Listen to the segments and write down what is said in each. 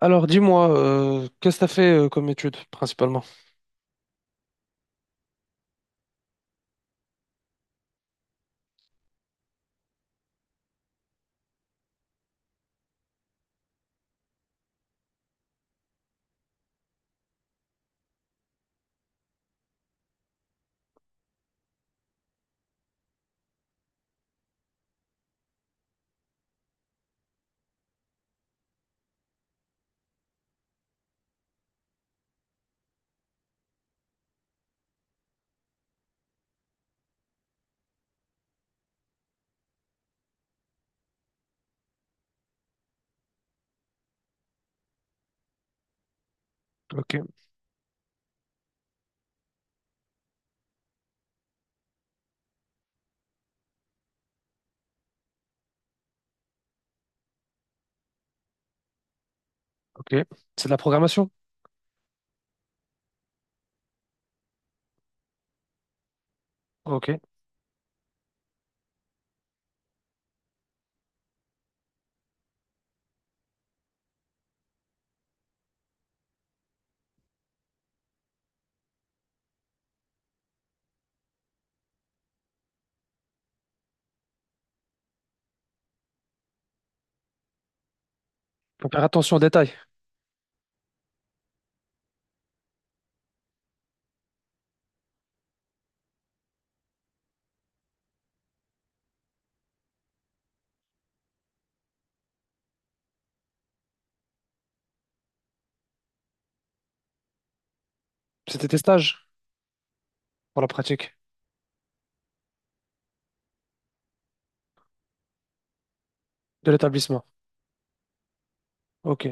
Alors, dis-moi, qu'est-ce que t'as fait comme étude, principalement? Ok, ok. C'est de la programmation? Ok. Faut faire attention aux détails. C'était tes stages pour la pratique de l'établissement. Ok,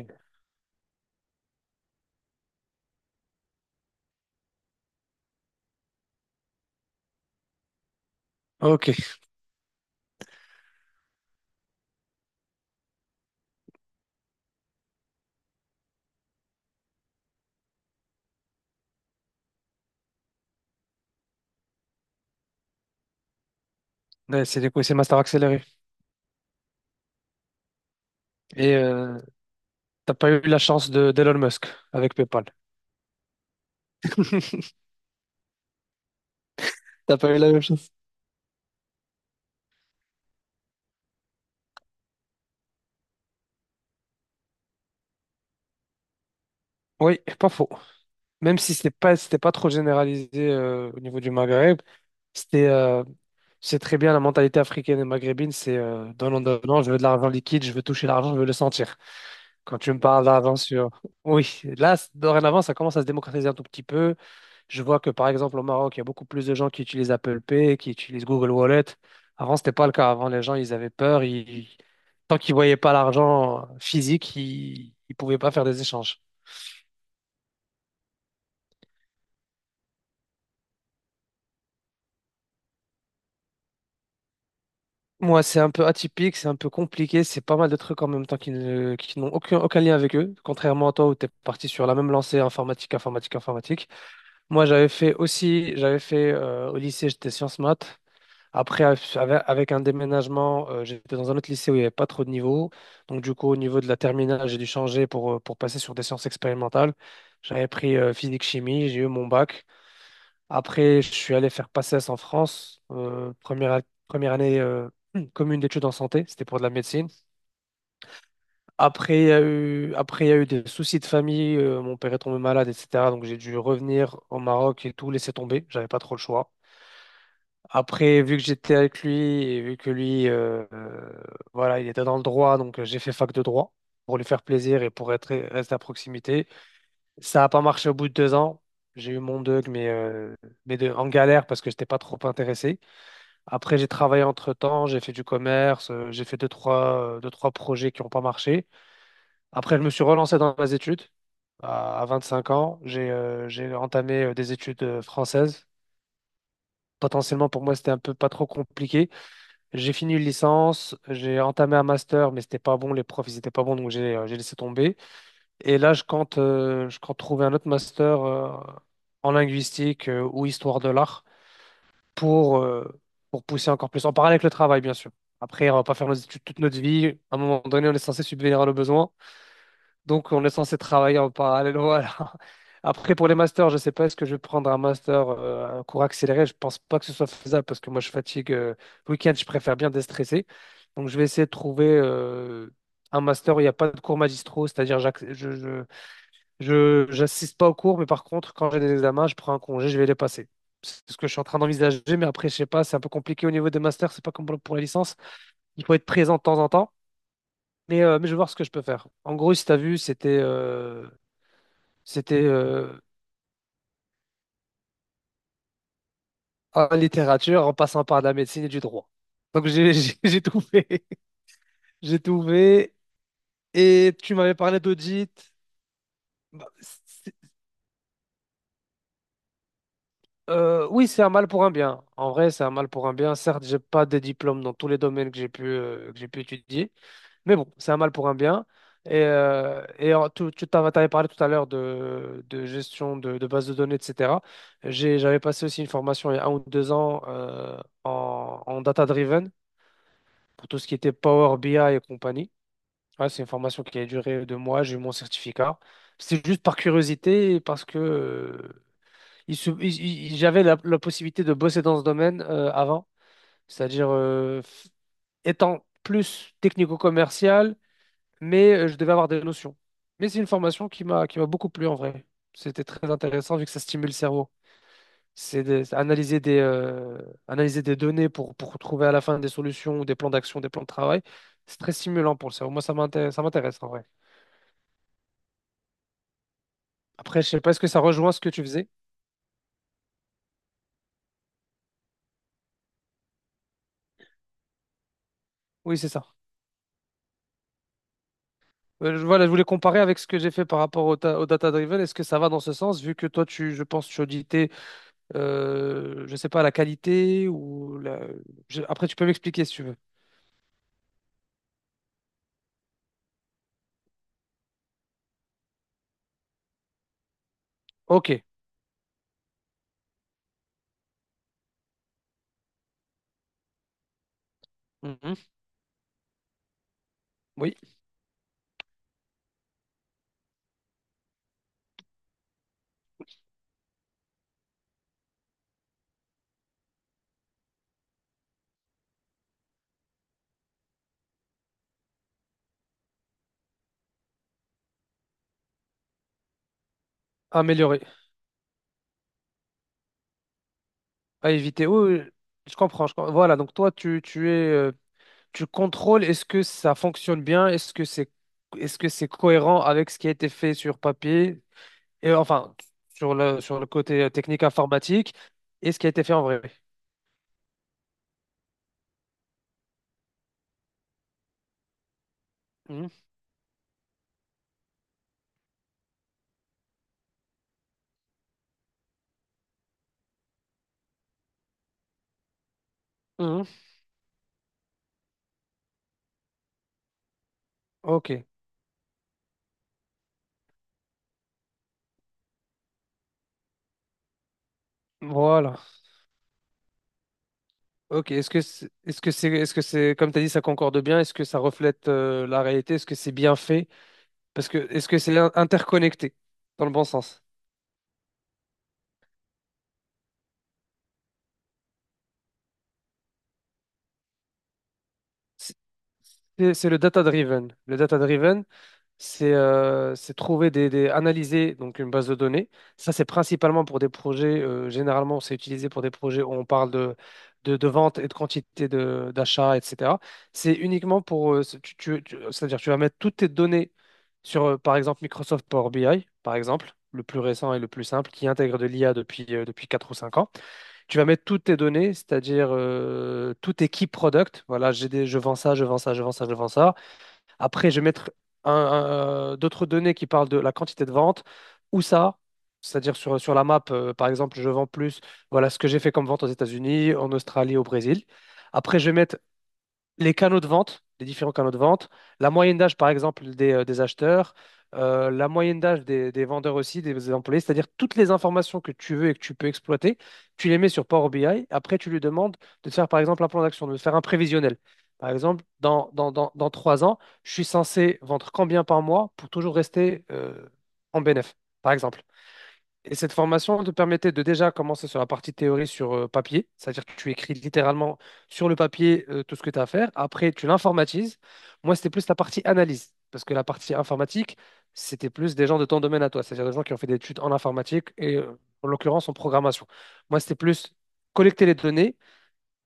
ok. Ouais, c'est du coup, c'est master accéléré. Et t'as pas eu la chance de d'Elon Musk avec PayPal. T'as pas eu la même chose? Oui, pas faux. Même si c'était pas trop généralisé au niveau du Maghreb, c'était, euh, c'est très bien la mentalité africaine et maghrébine, c'est donnant, donnant, je veux de l'argent liquide, je veux toucher l'argent, je veux le sentir. Quand tu me parles d'avant sur oui, là, dorénavant, ça commence à se démocratiser un tout petit peu. Je vois que, par exemple, au Maroc, il y a beaucoup plus de gens qui utilisent Apple Pay, qui utilisent Google Wallet. Avant, c'était pas le cas. Avant, les gens, ils avaient peur. Tant qu'ils voyaient pas l'argent physique, ils pouvaient pas faire des échanges. Moi, c'est un peu atypique, c'est un peu compliqué, c'est pas mal de trucs en même temps qui n'ont aucun lien avec eux, contrairement à toi où tu es parti sur la même lancée informatique, informatique, informatique. Moi, j'avais fait aussi, j'avais fait au lycée, j'étais sciences maths. Après, avec un déménagement, j'étais dans un autre lycée où il n'y avait pas trop de niveaux. Donc, du coup, au niveau de la terminale, j'ai dû changer pour passer sur des sciences expérimentales. J'avais pris physique-chimie, j'ai eu mon bac. Après, je suis allé faire PACES en France, première année commune d'études en santé, c'était pour de la médecine. Après, il y a eu, après, il y a eu des soucis de famille, mon père est tombé malade, etc. Donc, j'ai dû revenir au Maroc et tout laisser tomber, j'avais pas trop le choix. Après, vu que j'étais avec lui et vu que lui, voilà, il était dans le droit, donc j'ai fait fac de droit pour lui faire plaisir et pour être, rester à proximité. Ça n'a pas marché au bout de 2 ans. J'ai eu mon DEUG, mais en galère parce que je n'étais pas trop intéressé. Après, j'ai travaillé entre-temps, j'ai fait du commerce, j'ai fait deux, trois projets qui n'ont pas marché. Après, je me suis relancé dans mes études. À 25 ans, j'ai entamé des études françaises. Potentiellement, pour moi, c'était un peu pas trop compliqué. J'ai fini une licence, j'ai entamé un master, mais c'était pas bon, les profs, ils étaient pas bons, donc j'ai laissé tomber. Et là, je compte trouver un autre master en linguistique ou histoire de l'art pour, euh, pour pousser encore plus, en parallèle avec le travail, bien sûr. Après, on va pas faire nos études toute notre vie. À un moment donné, on est censé subvenir à nos besoins. Donc, on est censé travailler en parallèle. Voilà. Après, pour les masters, je ne sais pas, est-ce que je vais prendre un master, un cours accéléré? Je pense pas que ce soit faisable parce que moi, je fatigue. Le week-end, je préfère bien déstresser. Donc, je vais essayer de trouver un master où il n'y a pas de cours magistraux, c'est-à-dire j'assiste pas aux cours, mais par contre, quand j'ai des examens, je prends un congé, je vais les passer. C'est ce que je suis en train d'envisager, mais après, je sais pas, c'est un peu compliqué au niveau des masters, c'est pas comme pour la licence. Il faut être présent de temps en temps. Mais je vais voir ce que je peux faire. En gros, si tu as vu, c'était en littérature, en passant par de la médecine et du droit. Donc j'ai j'ai tout fait. J'ai tout fait. Et tu m'avais parlé d'audit. Bah, oui, c'est un mal pour un bien. En vrai, c'est un mal pour un bien. Certes, j'ai pas de diplôme dans tous les domaines que j'ai pu étudier. Mais bon, c'est un mal pour un bien. Et tu t'avais parlé tout à l'heure de gestion de bases de données, etc. J'avais passé aussi une formation il y a 1 ou 2 ans en data-driven. Pour tout ce qui était Power BI et compagnie. Ouais, c'est une formation qui a duré 2 mois, j'ai eu mon certificat. C'était juste par curiosité et parce que il se- il- j'avais la possibilité de bosser dans ce domaine avant, c'est-à-dire étant plus technico-commercial, mais je devais avoir des notions. Mais c'est une formation qui m'a beaucoup plu en vrai. C'était très intéressant vu que ça stimule le cerveau. C'est analyser des données pour trouver à la fin des solutions ou des plans d'action, des plans de travail. C'est très stimulant pour le cerveau. Moi, ça m'intéresse en vrai. Après, je sais pas, est-ce que ça rejoint ce que tu faisais? Oui, c'est ça. Voilà, je voulais comparer avec ce que j'ai fait par rapport au data-driven. Est-ce que ça va dans ce sens, vu que toi, tu, je pense, tu auditais, je sais pas, la qualité ou la... Après, tu peux m'expliquer si tu veux. Ok. Mhm. Oui. Améliorer. À éviter. Oui, oui, je comprends, je comprends. Voilà, donc toi, tu es... tu contrôles est-ce que ça fonctionne bien, est-ce que c'est cohérent avec ce qui a été fait sur papier et enfin sur le côté technique informatique et ce qui a été fait en vrai. Mhm. Mhm. Ok, voilà. Ok, est-ce que c'est comme tu as dit ça concorde bien, est-ce que ça reflète la réalité, est-ce que c'est bien fait parce que est-ce que c'est in- interconnecté dans le bon sens? C'est le data-driven. Le data-driven, c'est trouver analyser donc une base de données. Ça, c'est principalement pour des projets. Généralement, c'est utilisé pour des projets où on parle de vente et de quantité d'achat, etc. C'est uniquement pour, ce- tu- tu- c'est-à-dire tu vas mettre toutes tes données sur, par exemple, Microsoft Power BI, par exemple, le plus récent et le plus simple, qui intègre de l'IA depuis 4 ou 5 ans. Tu vas mettre toutes tes données, c'est-à-dire tout tes key products. Voilà, j'ai je vends ça, je vends ça, je vends ça, je vends ça. Après, je vais mettre d'autres données qui parlent de la quantité de vente ou ça, c'est-à-dire sur la map, par exemple, je vends plus. Voilà ce que j'ai fait comme vente aux États-Unis, en Australie, au Brésil. Après, je vais mettre les canaux de vente, les différents canaux de vente, la moyenne d'âge, par exemple, des acheteurs, la moyenne d'âge des vendeurs aussi, des employés, c'est-à-dire toutes les informations que tu veux et que tu peux exploiter, tu les mets sur Power BI. Après, tu lui demandes de te faire, par exemple, un plan d'action, de te faire un prévisionnel. Par exemple, dans 3 ans, je suis censé vendre combien par mois pour toujours rester en bénéf, par exemple. Et cette formation te permettait de déjà commencer sur la partie théorie sur papier, c'est-à-dire que tu écris littéralement sur le papier tout ce que tu as à faire. Après, tu l'informatises. Moi, c'était plus la partie analyse, parce que la partie informatique, c'était plus des gens de ton domaine à toi, c'est-à-dire des gens qui ont fait des études en informatique et en l'occurrence en programmation. Moi, c'était plus collecter les données.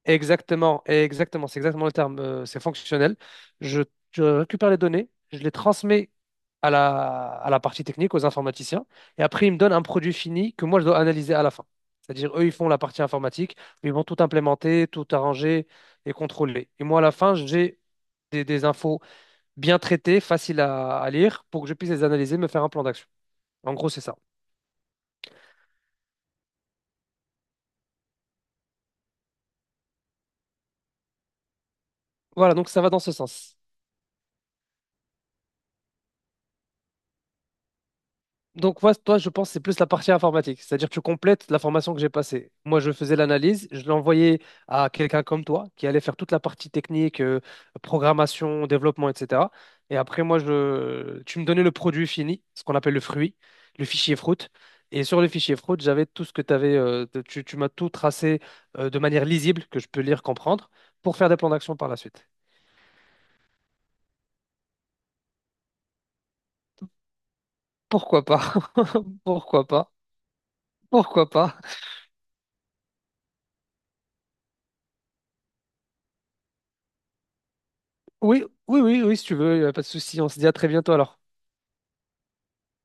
Exactement, exactement, c'est exactement le terme, c'est fonctionnel. Je, je récupère les données, je les transmets à la partie technique, aux informaticiens, et après ils me donnent un produit fini que moi je dois analyser à la fin. C'est-à-dire, eux, ils font la partie informatique, mais ils vont tout implémenter, tout arranger et contrôler. Et moi, à la fin, j'ai des infos bien traitées, faciles à lire, pour que je puisse les analyser, me faire un plan d'action. En gros, c'est ça. Voilà, donc ça va dans ce sens. Donc, moi, toi, je pense que c'est plus la partie informatique, c'est-à-dire tu complètes la formation que j'ai passée. Moi, je faisais l'analyse, je l'envoyais à quelqu'un comme toi qui allait faire toute la partie technique, programmation, développement, etc. Et après, moi, tu me donnais le produit fini, ce qu'on appelle le fruit, le fichier fruit. Et sur le fichier fruit, j'avais tout ce que t'avais, tu m'as tout tracé de manière lisible, que je peux lire, comprendre, pour faire des plans d'action par la suite. Pourquoi pas? Pourquoi pas? Pourquoi pas? Oui, oui, oui, oui, si tu veux, y a pas de souci. On se dit à très bientôt alors.